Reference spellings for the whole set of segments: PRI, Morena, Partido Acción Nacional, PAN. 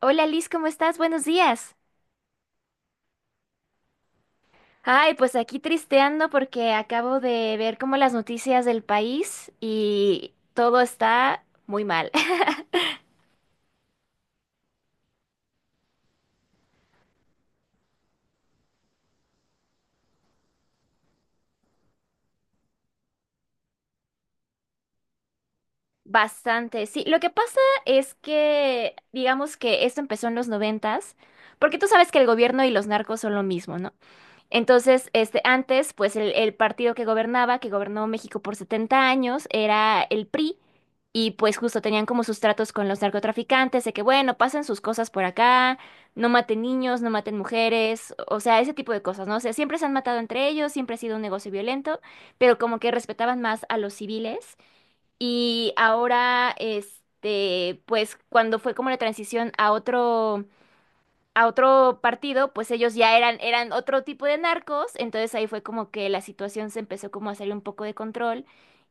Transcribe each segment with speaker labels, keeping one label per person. Speaker 1: Hola Liz, ¿cómo estás? Buenos días. Ay, pues aquí tristeando porque acabo de ver como las noticias del país y todo está muy mal. Bastante, sí. Lo que pasa es que, digamos que esto empezó en los noventas, porque tú sabes que el gobierno y los narcos son lo mismo, ¿no? Entonces, antes, pues el partido que gobernaba, que gobernó México por 70 años, era el PRI, y pues justo tenían como sus tratos con los narcotraficantes, de que, bueno, pasen sus cosas por acá, no maten niños, no maten mujeres, o sea, ese tipo de cosas, ¿no? O sea, siempre se han matado entre ellos, siempre ha sido un negocio violento, pero como que respetaban más a los civiles. Y ahora, pues cuando fue como la transición a otro partido, pues ellos ya eran, otro tipo de narcos, entonces ahí fue como que la situación se empezó como a salir un poco de control,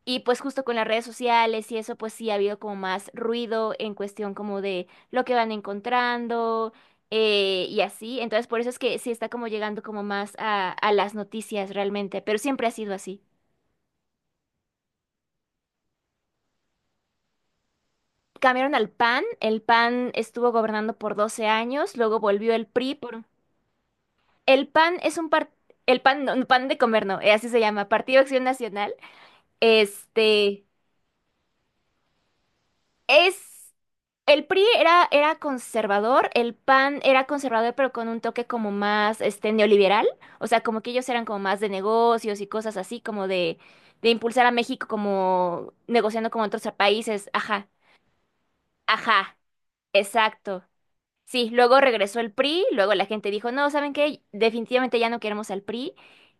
Speaker 1: y pues justo con las redes sociales y eso, pues sí ha habido como más ruido en cuestión como de lo que van encontrando, y así. Entonces por eso es que sí está como llegando como más a las noticias realmente, pero siempre ha sido así. Cambiaron al PAN, el PAN estuvo gobernando por 12 años, luego volvió el PRI por... El PAN es un el PAN, no, no, PAN de comer, no, así se llama, Partido Acción Nacional. Este es El PRI era conservador, el PAN era conservador, pero con un toque como más neoliberal. O sea, como que ellos eran como más de negocios y cosas así, como de impulsar a México como negociando con otros países. Ajá, ajá, exacto. Sí, luego regresó el PRI, luego la gente dijo, no, ¿saben qué? Definitivamente ya no queremos al PRI.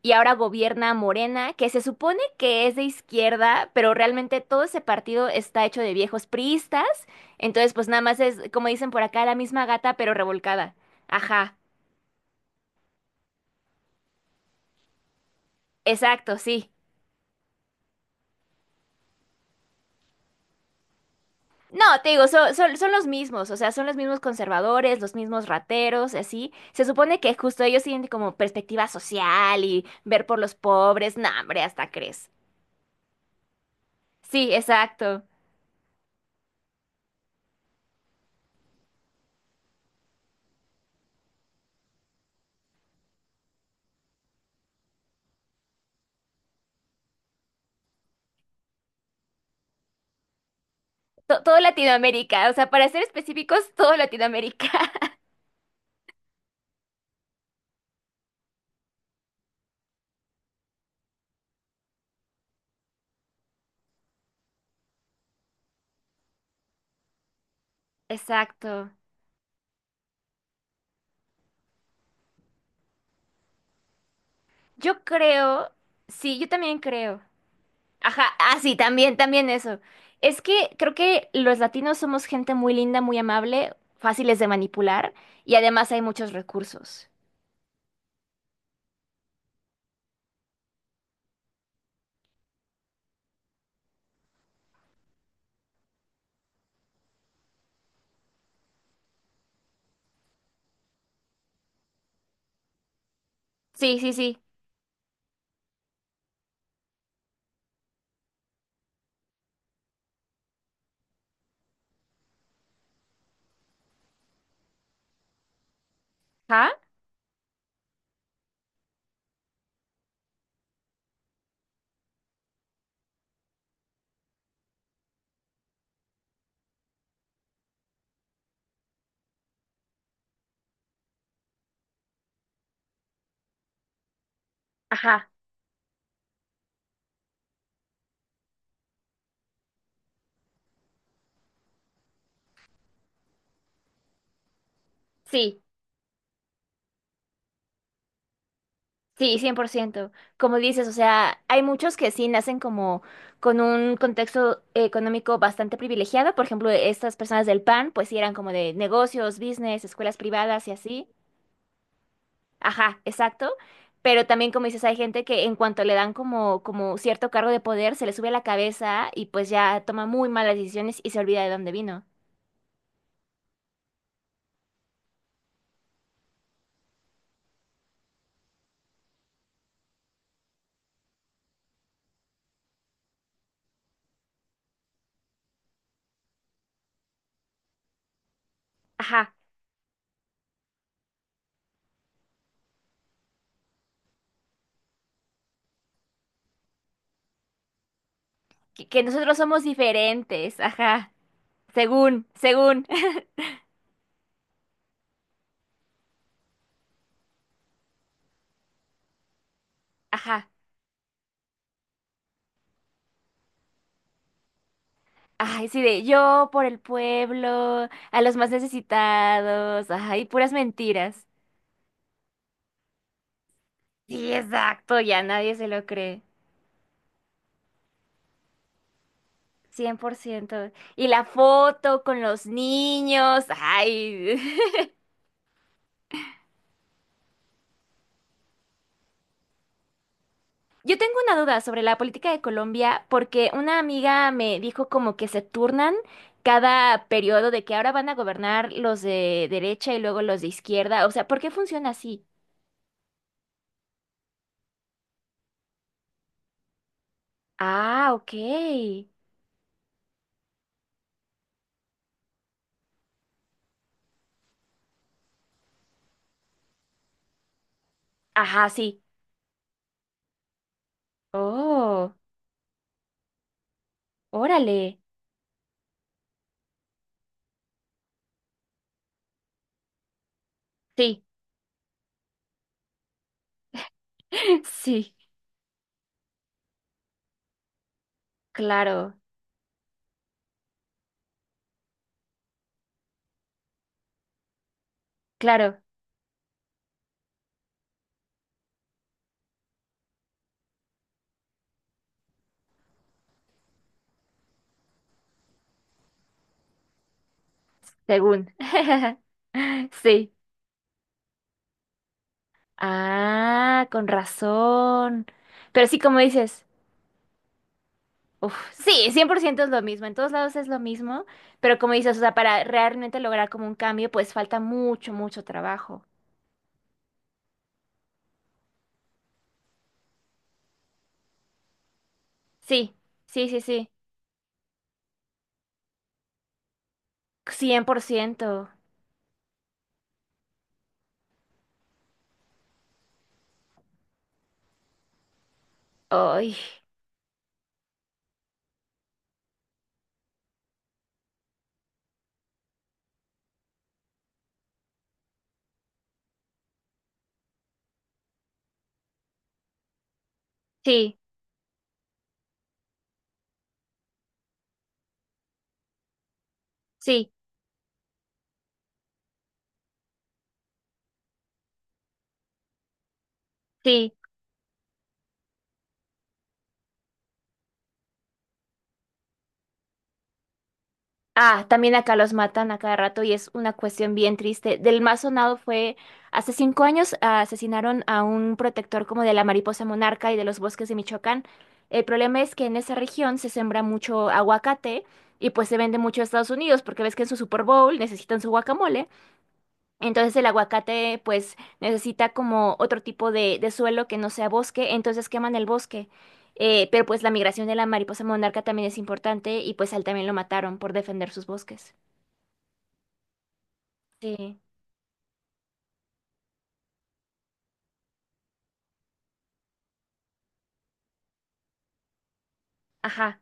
Speaker 1: Y ahora gobierna Morena, que se supone que es de izquierda, pero realmente todo ese partido está hecho de viejos priistas. Entonces, pues nada más es, como dicen por acá, la misma gata, pero revolcada. Ajá, exacto, sí. No, te digo, son los mismos, o sea, son los mismos conservadores, los mismos rateros, y así. Se supone que justo ellos tienen como perspectiva social y ver por los pobres. No, hombre, hasta crees. Sí, exacto. Todo Latinoamérica, o sea, para ser específicos, todo Latinoamérica. Exacto. Yo creo, sí, yo también creo. Ajá, ah, sí, también, también eso. Es que creo que los latinos somos gente muy linda, muy amable, fáciles de manipular, y además hay muchos recursos. Sí, sí, sí. Ajá. Ajá, sí. Sí, 100%. Como dices, o sea, hay muchos que sí nacen como con un contexto económico bastante privilegiado. Por ejemplo, estas personas del PAN, pues sí eran como de negocios, business, escuelas privadas y así. Ajá, exacto. Pero también, como dices, hay gente que en cuanto le dan como, cierto cargo de poder, se le sube a la cabeza, y pues ya toma muy malas decisiones y se olvida de dónde vino. Ajá, que nosotros somos diferentes, ajá, según, según, ajá. Ay, sí, de yo por el pueblo, a los más necesitados, ay, puras mentiras. Sí, exacto, ya nadie se lo cree. 100%. Y la foto con los niños, ay. Yo tengo una duda sobre la política de Colombia porque una amiga me dijo como que se turnan cada periodo, de que ahora van a gobernar los de derecha y luego los de izquierda. O sea, ¿por qué funciona así? Ah, ok. Ajá, sí. Oh, órale. Sí, sí, claro, claro, según. Sí. Ah, con razón. Pero sí, como dices, uf, sí, 100% es lo mismo, en todos lados es lo mismo, pero como dices, o sea, para realmente lograr como un cambio, pues falta mucho, mucho trabajo. Sí, sí, sí, sí, 100%. Ay, sí, sí, sí. Ah, también acá los matan a cada rato y es una cuestión bien triste. Del más sonado fue hace 5 años. Asesinaron a un protector como de la mariposa monarca y de los bosques de Michoacán. El problema es que en esa región se sembra mucho aguacate, y pues se vende mucho a Estados Unidos porque ves que en su Super Bowl necesitan su guacamole. Entonces el aguacate pues necesita como otro tipo de suelo que no sea bosque, entonces queman el bosque. Pero pues la migración de la mariposa monarca también es importante, y pues a él también lo mataron por defender sus bosques. Sí, ajá,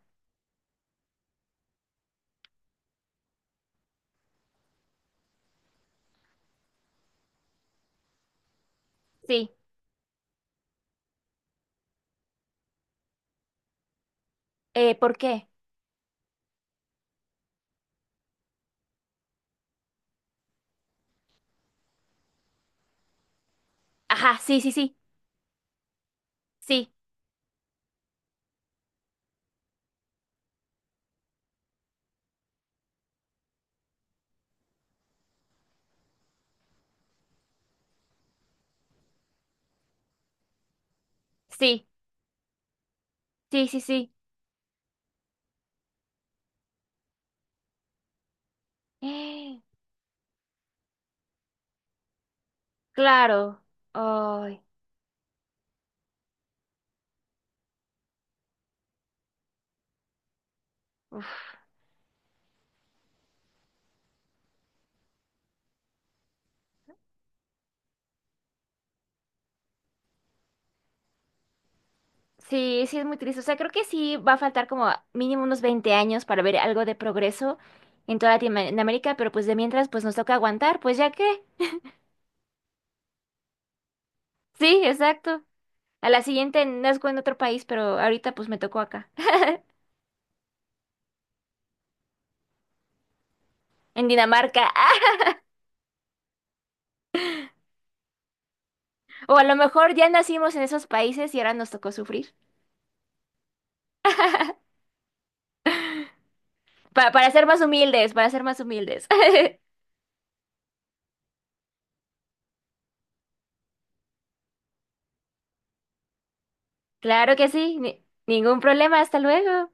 Speaker 1: sí. ¿Por qué? Ajá, sí, sí, sí, sí, sí, sí, sí, sí. Eh, claro. Ay, uf. Sí, sí, es muy triste. O sea, creo que sí va a faltar como mínimo unos 20 años para ver algo de progreso en toda Latinoamérica, pero pues de mientras, pues nos toca aguantar, pues ya que. Sí, exacto. A la siguiente nazco en otro país, pero ahorita pues me tocó acá, en Dinamarca. ¡Ah! O a lo mejor ya nacimos en esos países y ahora nos tocó sufrir. Para ser más humildes, para ser más humildes. Claro que sí, ningún problema, hasta luego.